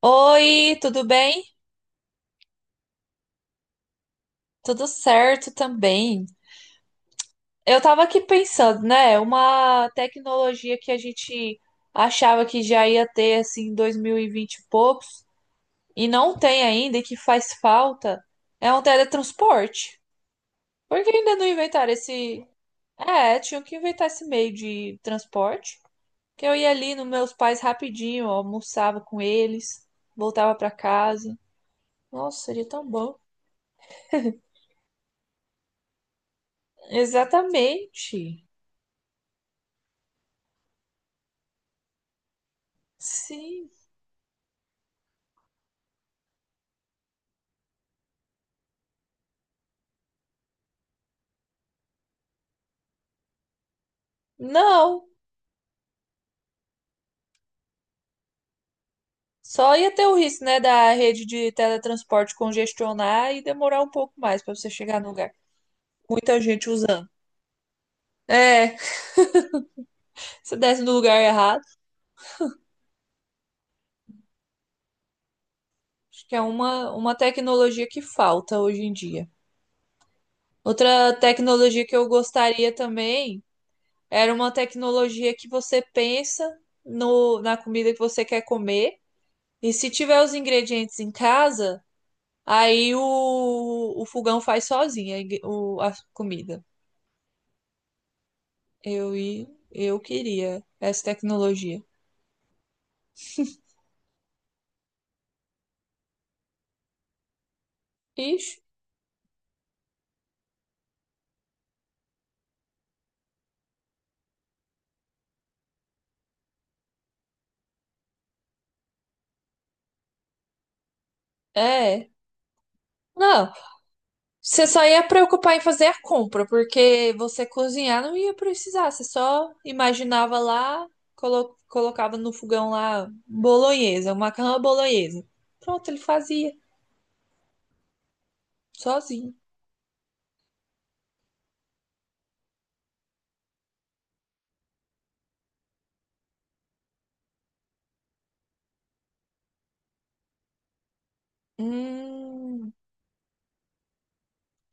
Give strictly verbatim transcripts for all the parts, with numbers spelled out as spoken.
Oi, tudo bem? Tudo certo também. Eu tava aqui pensando, né? Uma tecnologia que a gente achava que já ia ter assim em dois mil e vinte e vinte e poucos e não tem ainda e que faz falta é um teletransporte. Por que ainda não inventaram esse? É, tinham que inventar esse meio de transporte. Que eu ia ali nos meus pais rapidinho, almoçava com eles, voltava pra casa. Nossa, seria tão bom. Exatamente. Sim. Não, só ia ter o risco, né, da rede de teletransporte congestionar e demorar um pouco mais para você chegar no lugar. Muita gente usando. É, você desce no lugar errado. Acho que é uma, uma tecnologia que falta hoje em dia. Outra tecnologia que eu gostaria também era uma tecnologia que você pensa no, na comida que você quer comer. E se tiver os ingredientes em casa, aí o, o fogão faz sozinho a, ingre- o- a comida. Eu, i- eu queria essa tecnologia. Ixi, é. Não, você só ia preocupar em fazer a compra, porque você cozinhar não ia precisar. Você só imaginava lá, colo- colocava no fogão lá bolonhesa, um macarrão à bolonhesa. Pronto, ele fazia, sozinho. Hum,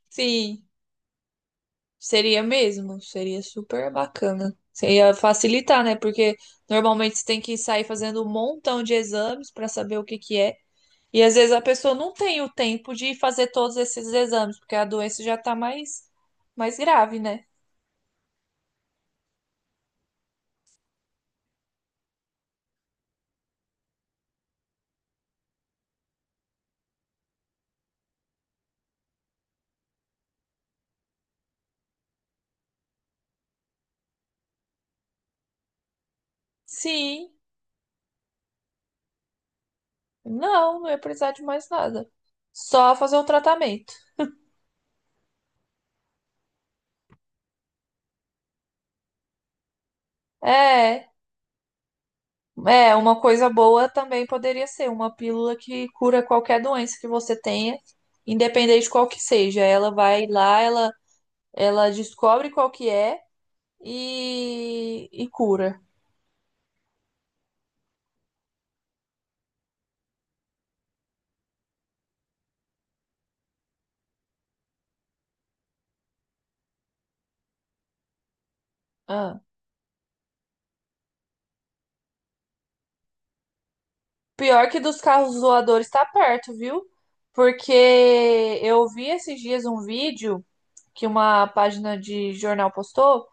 sim, seria mesmo. Seria super bacana. Seria facilitar, né? Porque normalmente você tem que sair fazendo um montão de exames para saber o que que é. E às vezes a pessoa não tem o tempo de fazer todos esses exames, porque a doença já tá mais, mais grave, né? Sim, não, não ia precisar de mais nada. Só fazer um tratamento. É, é, uma coisa boa também poderia ser uma pílula que cura qualquer doença que você tenha, independente de qual que seja. Ela vai lá, ela, ela descobre qual que é e, e cura. Ah. Pior que dos carros voadores tá perto, viu? Porque eu vi esses dias um vídeo que uma página de jornal postou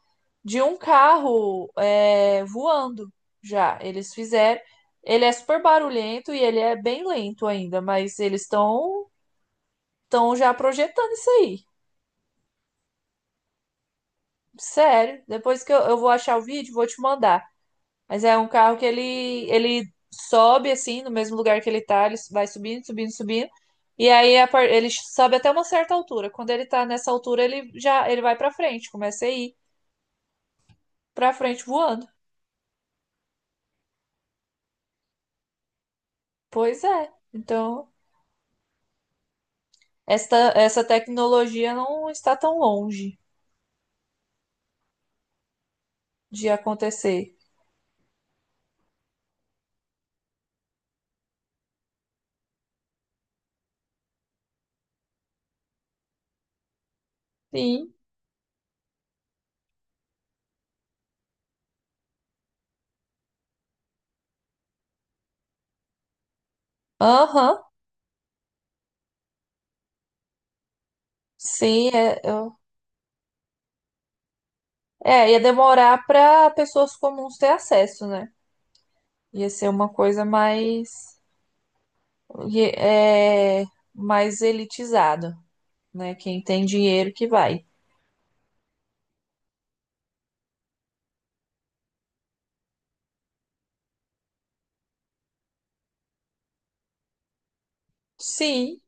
de um carro é, voando já. Eles fizeram. Ele é super barulhento e ele é bem lento ainda, mas eles estão estão já projetando isso aí. Sério. Depois que eu, eu vou achar o vídeo, vou te mandar. Mas é um carro que ele, ele sobe assim, no mesmo lugar que ele tá, ele vai subindo, subindo, subindo. E aí a par- ele sobe até uma certa altura. Quando ele tá nessa altura, ele já ele vai pra frente, começa a ir pra frente voando. Pois é. Então, esta, essa tecnologia não está tão longe de acontecer. Sim. Aham. Sim, é, eu- é, ia demorar para pessoas comuns ter acesso, né? Ia ser uma coisa mais E É mais elitizado, né? Quem tem dinheiro que vai. Sim,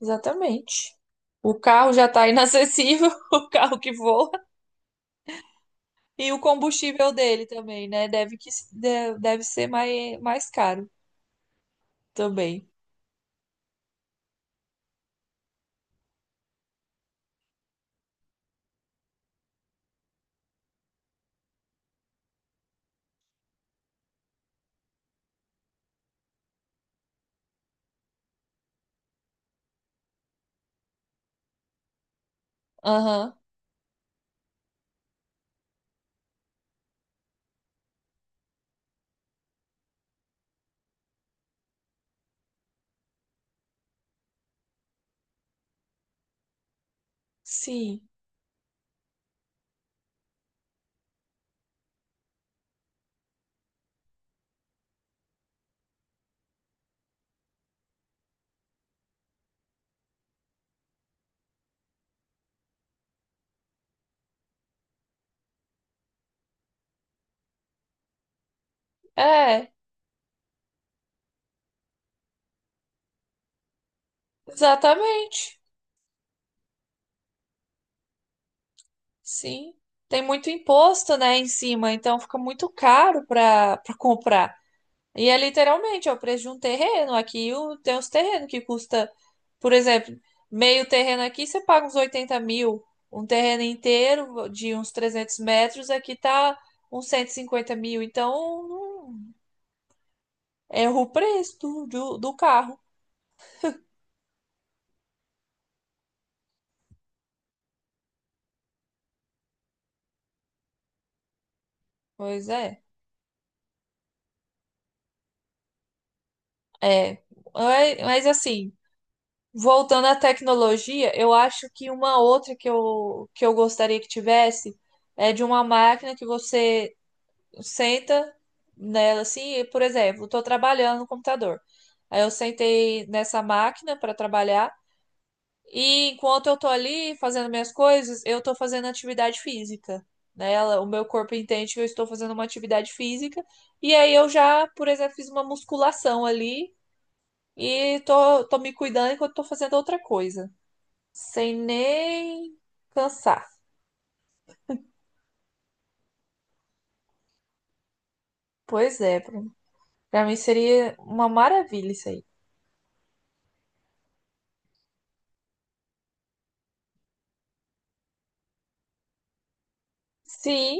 exatamente. O carro já tá inacessível, o carro que voa, e o combustível dele também, né? Deve que de- deve ser mais, mais caro também. Aham. Sim. É, exatamente. Sim. Tem muito imposto, né, em cima, então fica muito caro para para comprar. E é literalmente, é o preço de um terreno. Aqui o- tem uns terrenos que custa, por exemplo, meio terreno aqui você paga uns oitenta mil. Um terreno inteiro de uns trezentos metros aqui tá uns cento e cinquenta mil. Então, não- é o preço do, do, do carro. Pois é. É. É, mas assim, voltando à tecnologia, eu acho que uma outra que eu, que eu gostaria que tivesse é de uma máquina que você senta nela assim, e, por exemplo, estou trabalhando no computador. Aí eu sentei nessa máquina para trabalhar e enquanto eu estou ali fazendo minhas coisas, eu estou fazendo atividade física. Nela o meu corpo entende que eu estou fazendo uma atividade física e aí eu já, por exemplo, fiz uma musculação ali e tô, tô me cuidando enquanto estou fazendo outra coisa, sem nem cansar. Pois é, Bruno. Pra mim seria uma maravilha isso aí. Sim,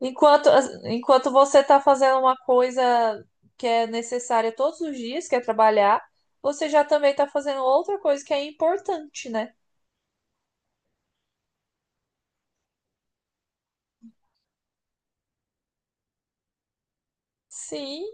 enquanto, enquanto você está fazendo uma coisa que é necessária todos os dias, que é trabalhar, você já também está fazendo outra coisa que é importante, né? Sim,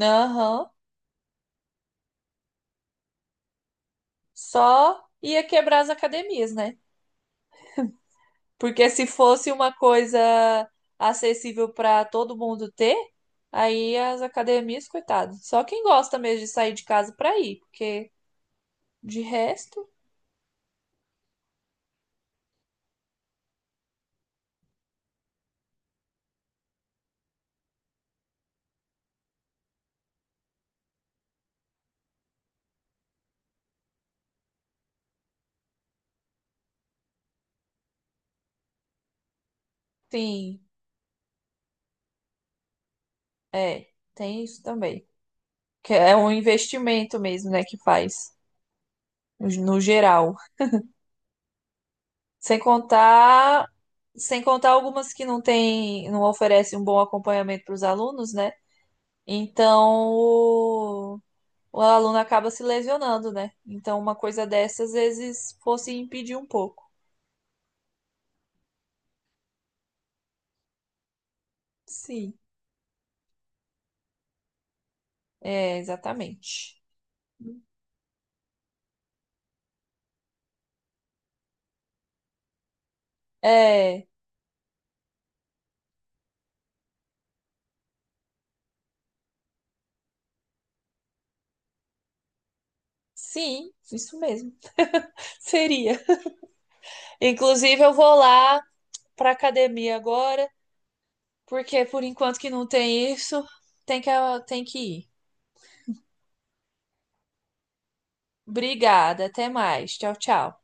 aham. Só ia quebrar as academias, né? Porque se fosse uma coisa acessível para todo mundo ter, aí as academias, coitado. Só quem gosta mesmo de sair de casa para ir, porque de resto, sim, é, tem isso também. Que é um investimento mesmo, né, que faz no geral. Sem contar, sem contar algumas que não tem, não oferecem um bom acompanhamento para os alunos, né? Então o, o aluno acaba se lesionando, né? Então uma coisa dessas às vezes fosse impedir um pouco. Sim, é exatamente. É, sim, isso mesmo. Seria. Inclusive eu vou lá para academia agora. Porque por enquanto que não tem isso, tem que, tem que ir. Obrigada, até mais. Tchau, tchau.